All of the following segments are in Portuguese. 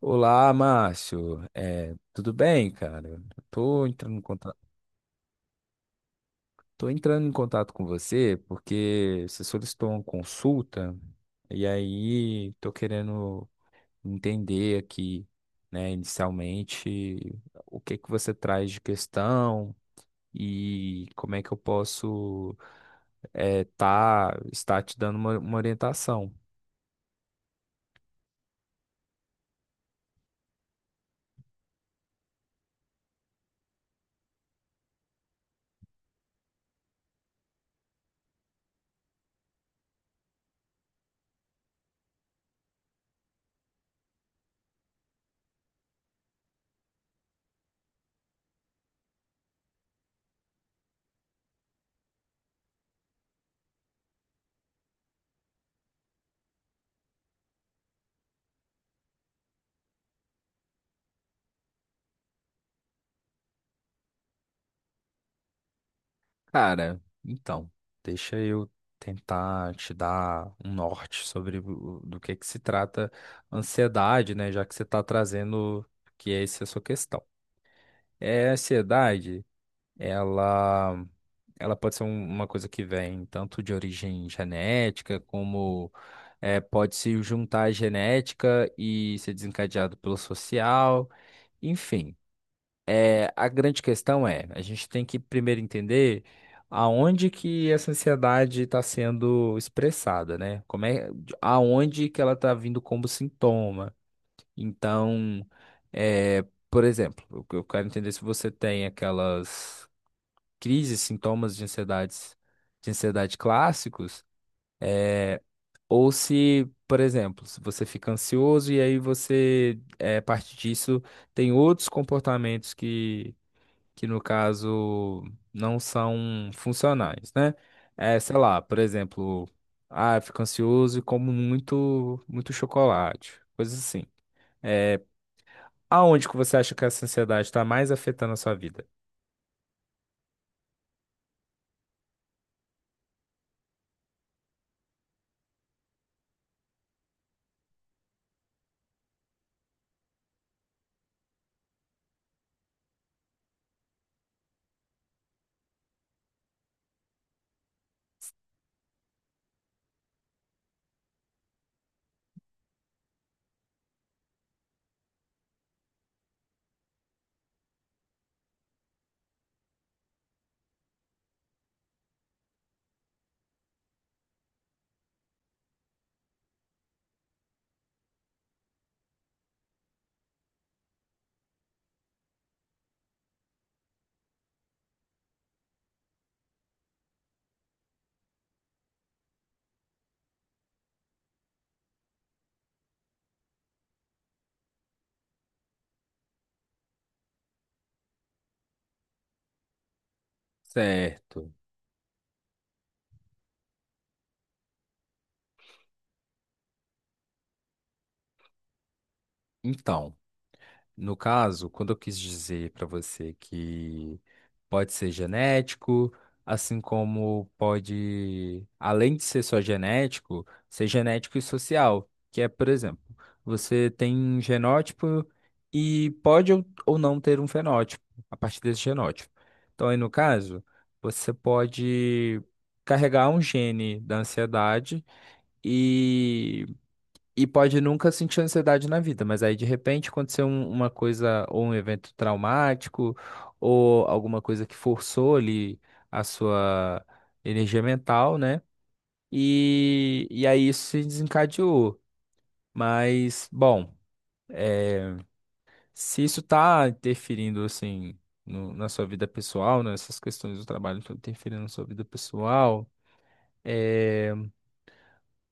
Olá, Márcio. Tudo bem, cara? Tô entrando em contato, Tô entrando em contato com você porque você solicitou uma consulta e aí tô querendo entender aqui, né, inicialmente, o que que você traz de questão e como é que eu posso estar te dando uma orientação. Cara, então, deixa eu tentar te dar um norte sobre do que se trata a ansiedade, né? Já que você está trazendo que essa é essa a sua questão. A ansiedade, ela, ela pode ser uma coisa que vem tanto de origem genética, como pode se juntar à genética e ser desencadeado pelo social, enfim. É, a grande questão é, a gente tem que primeiro entender aonde que essa ansiedade está sendo expressada, né? Como é, aonde que ela está vindo como sintoma. Então, é, por exemplo, eu quero entender é se você tem aquelas crises, de ansiedade clássicos, é, ou se, por exemplo, se você fica ansioso e aí você, é, a partir disso, tem outros comportamentos que no caso não são funcionais, né? É, sei lá, por exemplo, ah, eu fico ansioso e como muito, muito chocolate, coisas assim. É, aonde que você acha que essa ansiedade está mais afetando a sua vida? Certo. Então. No caso, quando eu quis dizer para você que pode ser genético, assim como pode, além de ser só genético, ser genético e social, que é, por exemplo, você tem um genótipo e pode ou não ter um fenótipo a partir desse genótipo. Então, aí no caso, você pode carregar um gene da ansiedade e e pode nunca sentir ansiedade na vida, mas aí de repente aconteceu uma coisa, ou um evento traumático, ou alguma coisa que forçou ali a sua energia mental, né? E aí isso se desencadeou. Mas, bom, é, se isso tá interferindo, assim, na sua vida pessoal, né? Essas questões do trabalho estão interferindo na sua vida pessoal, é,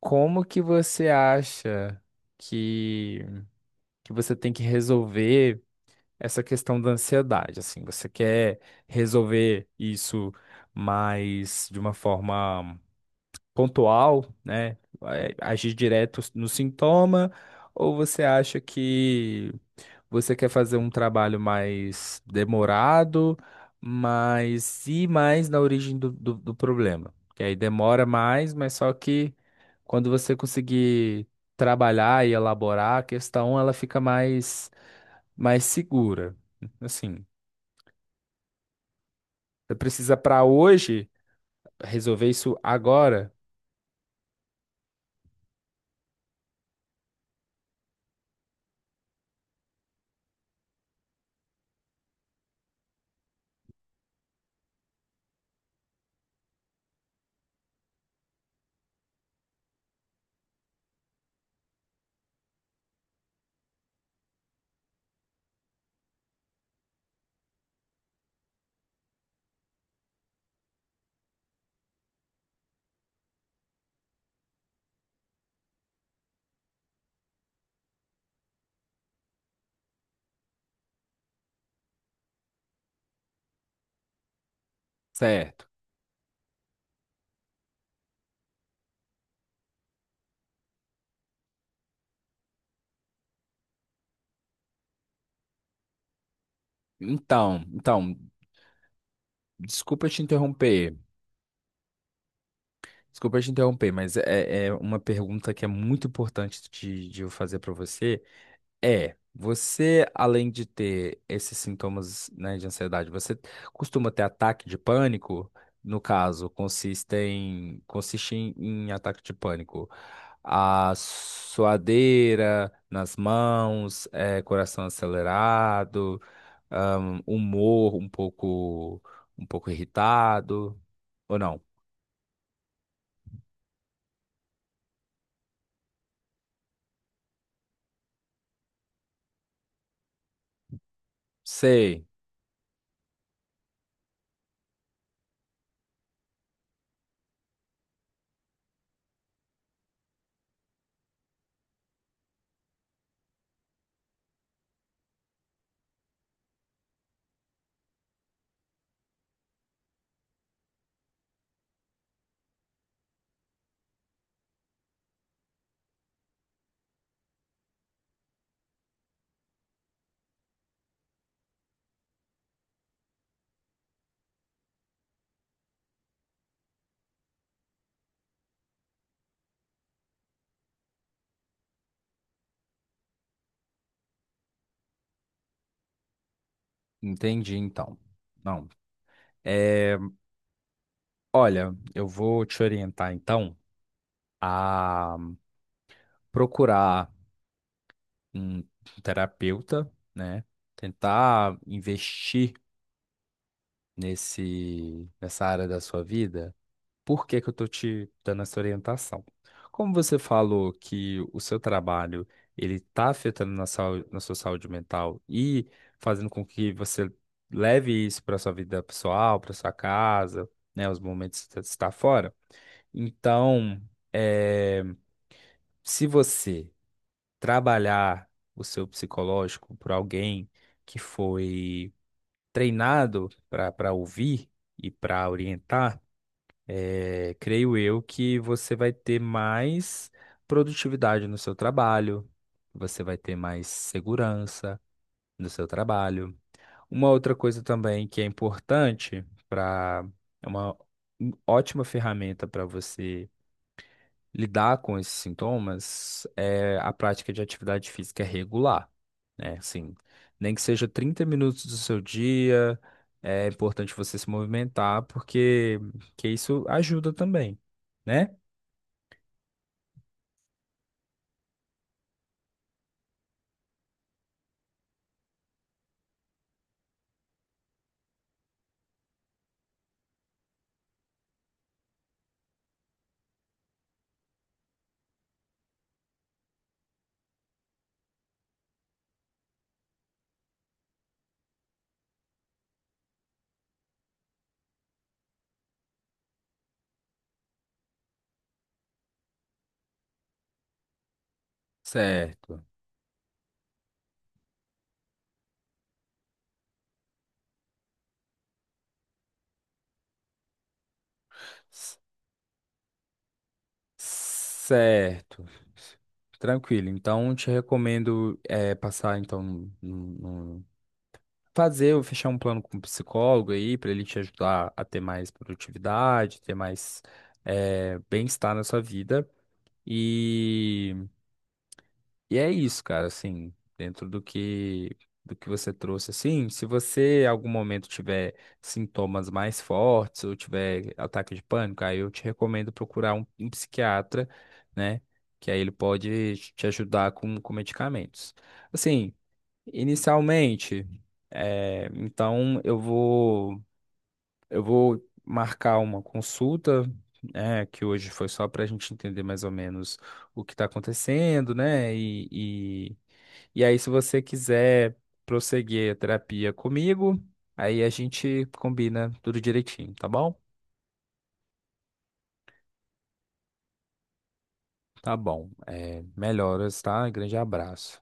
como que você acha que que você tem que resolver? Essa questão da ansiedade, assim, você quer resolver isso mais de uma forma pontual, né? É, agir direto no sintoma, ou você acha que você quer fazer um trabalho mais demorado, mas ir mais na origem do problema? Que aí demora mais, mas só que quando você conseguir trabalhar e elaborar a questão, ela fica mais, mais segura. Assim, você precisa para hoje resolver isso agora. Certo. Então, então, desculpa te interromper. Desculpa te interromper, mas é uma pergunta que é muito importante de eu fazer para você. É, você, além de ter esses sintomas, né, de ansiedade, você costuma ter ataque de pânico? No caso, consiste em, em ataque de pânico. A suadeira nas mãos, eh, coração acelerado, ahn, humor um pouco, um pouco irritado, ou não? Sei, entendi então. Não. É, olha, eu vou te orientar então a procurar um terapeuta, né? Tentar investir nessa área da sua vida. Por que que eu tô te dando essa orientação? Como você falou que o seu trabalho ele está afetando na, saúde, na sua saúde mental e fazendo com que você leve isso para sua vida pessoal, para sua casa, né? Os momentos que você está fora. Então, é, se você trabalhar o seu psicológico por alguém que foi treinado para ouvir e para orientar, é, creio eu que você vai ter mais produtividade no seu trabalho, você vai ter mais segurança no seu trabalho. Uma outra coisa também que é importante para é uma ótima ferramenta para você lidar com esses sintomas é a prática de atividade física é regular, né? Assim, nem que seja 30 minutos do seu dia, é importante você se movimentar, porque que isso ajuda também, né? Certo. C- Certo. Tranquilo. Então, te recomendo é, passar então num, fazer ou fechar um plano com um psicólogo aí, para ele te ajudar a ter mais produtividade, ter mais eh, bem-estar na sua vida. E, e é isso, cara, assim, dentro do que você trouxe, assim, se você em algum momento tiver sintomas mais fortes ou tiver ataque de pânico, aí eu te recomendo procurar um psiquiatra, né? Que aí ele pode te ajudar com medicamentos. Assim, inicialmente, é, então eu vou marcar uma consulta, né, que hoje foi só para a gente entender mais ou menos o que está acontecendo, né? E aí, se você quiser prosseguir a terapia comigo, aí a gente combina tudo direitinho, tá bom? Tá bom. É, melhoras, tá? Grande abraço.